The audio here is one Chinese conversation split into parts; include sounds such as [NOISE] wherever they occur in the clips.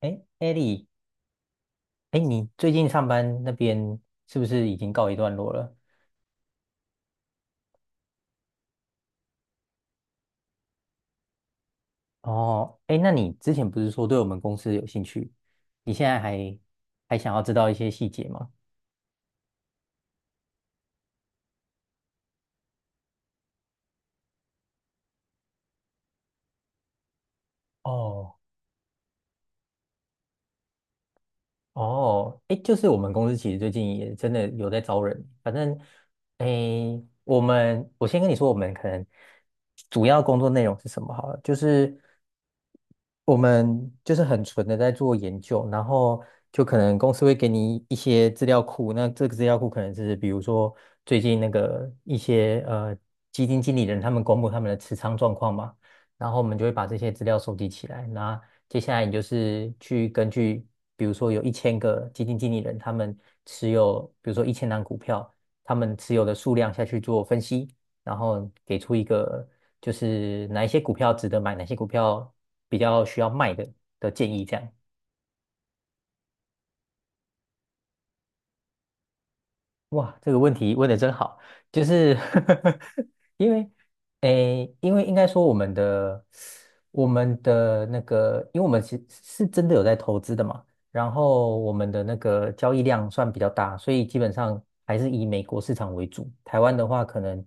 哎，艾莉，哎，你最近上班那边是不是已经告一段落了？哦，哎，那你之前不是说对我们公司有兴趣？你现在还想要知道一些细节吗？哦，哦，哎，就是我们公司其实最近也真的有在招人，反正，哎，我先跟你说，我们可能主要工作内容是什么好了，就是我们就是很纯的在做研究，然后就可能公司会给你一些资料库，那这个资料库可能是比如说最近那个一些基金经理人他们公布他们的持仓状况嘛，然后我们就会把这些资料收集起来，那。接下来你就是去根据，比如说有1000个基金经理人，他们持有，比如说1000档股票，他们持有的数量下去做分析，然后给出一个就是哪一些股票值得买，哪些股票比较需要卖的建议，这样。哇，这个问题问的真好，就是 [LAUGHS] 因为，因为应该说我们的那个，因为我们是真的有在投资的嘛，然后我们的那个交易量算比较大，所以基本上还是以美国市场为主。台湾的话，可能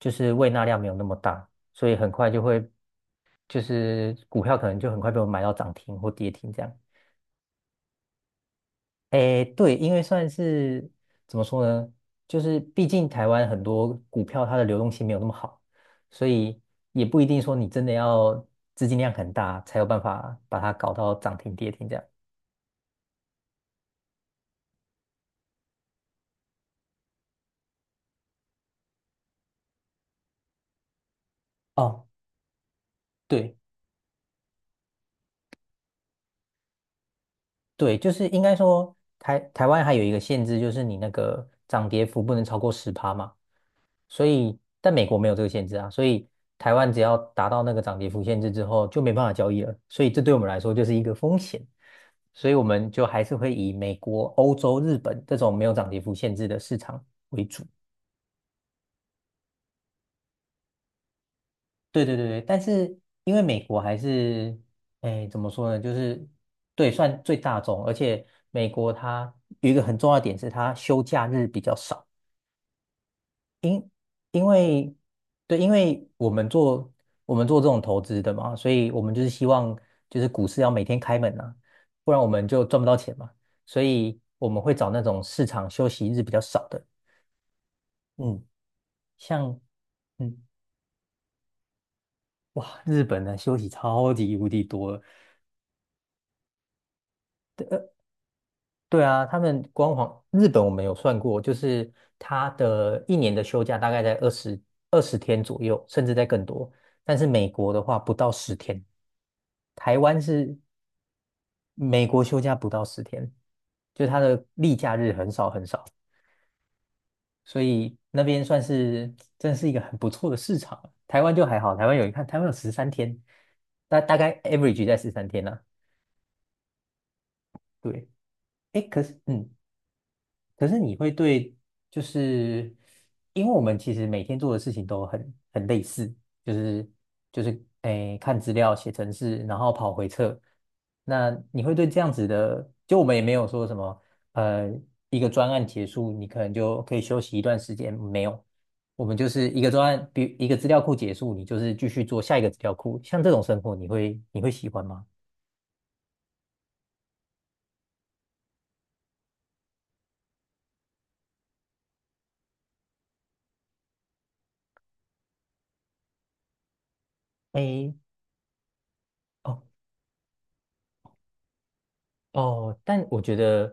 就是胃纳量没有那么大，所以很快就会就是股票可能就很快被我们买到涨停或跌停这样。诶，对，因为算是怎么说呢，就是毕竟台湾很多股票它的流动性没有那么好，所以也不一定说你真的要资金量很大才有办法把它搞到涨停跌停这样。哦，对对，就是应该说台湾还有一个限制，就是你那个涨跌幅不能超过10%嘛。所以但美国没有这个限制啊，所以台湾只要达到那个涨跌幅限制之后就没办法交易了，所以这对我们来说就是一个风险，所以我们就还是会以美国、欧洲、日本这种没有涨跌幅限制的市场为主。对对对对，但是因为美国还是，哎，怎么说呢？就是对，算最大众，而且美国它有一个很重要的点是它休假日比较少。因为对，因为我们做这种投资的嘛，所以我们就是希望就是股市要每天开门啊，不然我们就赚不到钱嘛。所以我们会找那种市场休息日比较少的，嗯，像嗯哇，日本的休息超级无敌多了。对，对啊，他们光皇日本我们有算过，就是他的一年的休假大概在二十天左右，甚至在更多。但是美国的话不到十天，台湾是美国休假不到十天，就它的例假日很少很少，所以那边算是真是一个很不错的市场啊。台湾就还好，台湾有十三天，大概 average 在13天呢，对，哎，可是你会对，就是因为我们其实每天做的事情都很类似，就是就是看资料、写程式，然后跑回测。那你会对这样子的，就我们也没有说什么，呃，一个专案结束，你可能就可以休息一段时间，没有，我们就是一个专案，比一个资料库结束，你就是继续做下一个资料库，像这种生活，你会喜欢吗？诶。哦。哦，但我觉得，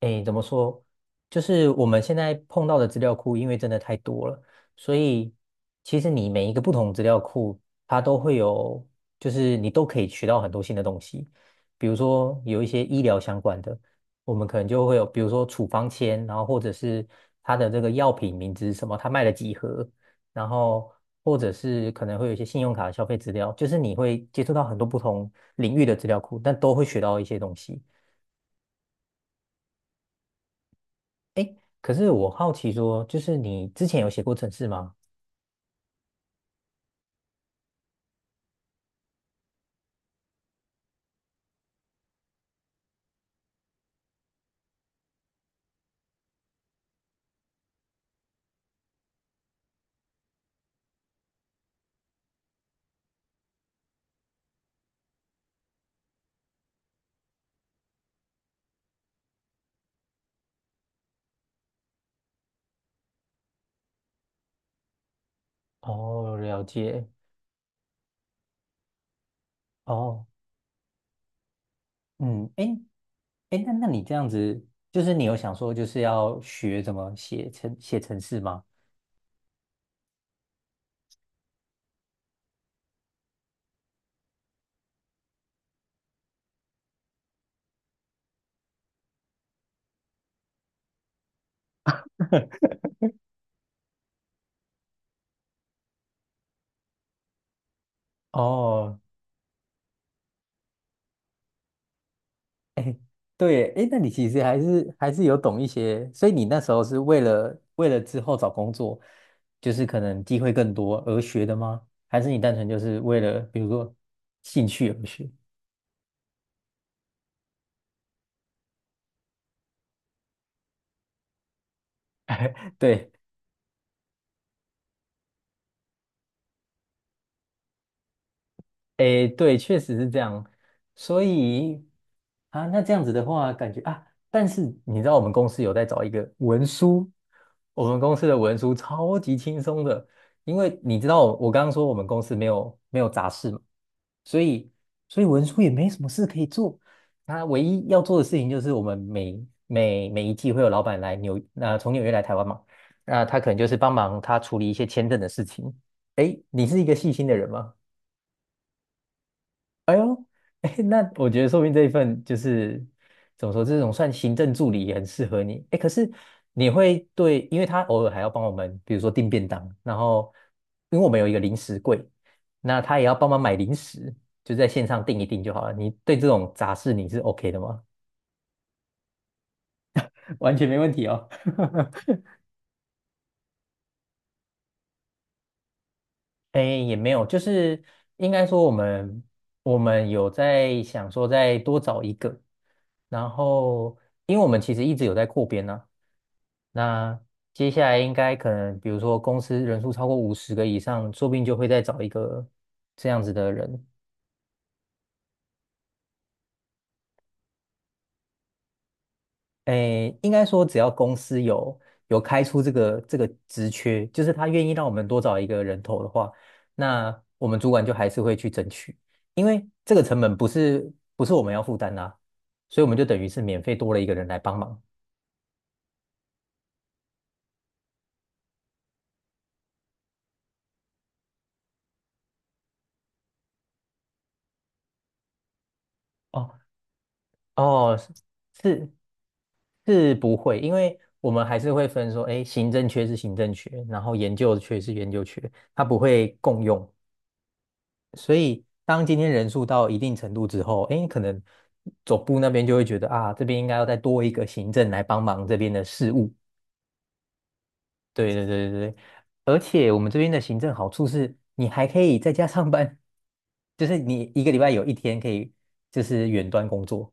诶，怎么说？就是我们现在碰到的资料库，因为真的太多了，所以其实你每一个不同资料库，它都会有，就是你都可以学到很多新的东西。比如说有一些医疗相关的，我们可能就会有，比如说处方签，然后或者是它的这个药品名字是什么，它卖了几盒，然后或者是可能会有一些信用卡的消费资料，就是你会接触到很多不同领域的资料库，但都会学到一些东西。可是我好奇说，就是你之前有写过程式吗？哦，了解。哦，嗯，诶，诶，那你这样子，就是你有想说，就是要学怎么写程式吗？哦，对哎，诶，那你其实还是有懂一些，所以你那时候是为了之后找工作，就是可能机会更多而学的吗？还是你单纯就是为了比如说兴趣而学？[LAUGHS] 对。诶，对，确实是这样。所以啊，那这样子的话，感觉啊，但是你知道我们公司有在找一个文书，我们公司的文书超级轻松的，因为你知道我刚刚说我们公司没有杂事嘛，所以所以文书也没什么事可以做。他唯一要做的事情就是我们每一季会有老板那，从纽约来台湾嘛，那他可能就是帮忙他处理一些签证的事情。诶，你是一个细心的人吗？[LAUGHS] 哎，那我觉得说不定这一份就是怎么说，这种算行政助理也很适合你。哎，可是你会对，因为他偶尔还要帮我们，比如说订便当，然后因为我们有一个零食柜，那他也要帮忙买零食，就在线上订一订就好了。你对这种杂事你是 OK 的吗？[LAUGHS] 完全没问题哦。[LAUGHS] 哎，也没有，就是应该说我们有在想说再多找一个，然后因为我们其实一直有在扩编呢。那接下来应该可能，比如说公司人数超过50个以上，说不定就会再找一个这样子的人。诶，应该说只要公司有开出这个职缺，就是他愿意让我们多找一个人头的话，那我们主管就还是会去争取，因为这个成本不是我们要负担啦，所以我们就等于是免费多了一个人来帮忙。哦哦，是是不会，因为我们还是会分说，哎，行政缺是行政缺，然后研究缺是研究缺，它不会共用。所以当今天人数到一定程度之后，哎，可能总部那边就会觉得啊，这边应该要再多一个行政来帮忙这边的事务。对对对对对，而且我们这边的行政好处是，你还可以在家上班，就是你一个礼拜有一天可以就是远端工作。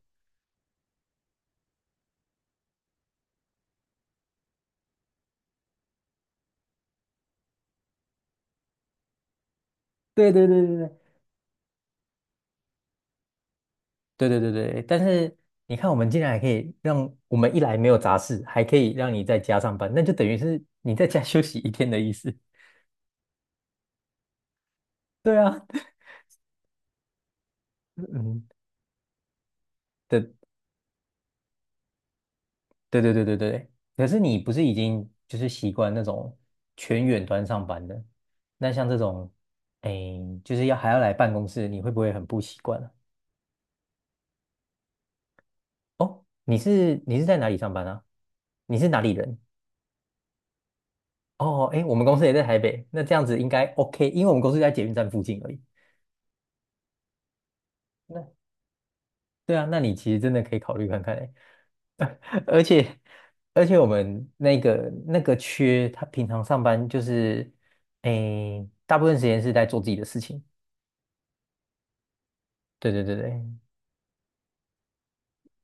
对对对对对对对对对，但是你看，我们竟然还可以让我们一来没有杂事，还可以让你在家上班，那就等于是你在家 [LAUGHS] 休息一天的意思。对啊，[LAUGHS] 嗯，对对对对对对。可是你不是已经就是习惯那种全远端上班的？那像这种，哎，就是要还要来办公室，你会不会很不习惯啊？哦，你是在哪里上班啊？你是哪里人？哦，哎，我们公司也在台北，那这样子应该 OK，因为我们公司在捷运站附近而已。对啊，那你其实真的可以考虑看看欸，[LAUGHS] 而且而且我们那个缺，他平常上班就是，诶，大部分时间是在做自己的事情。对对对对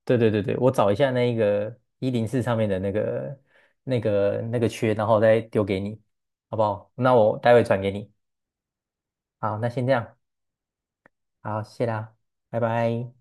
对对对对，我找一下那个104上面的那个缺，然后再丢给你，好不好？那我待会转给你。好，那先这样，好，谢啦，拜拜。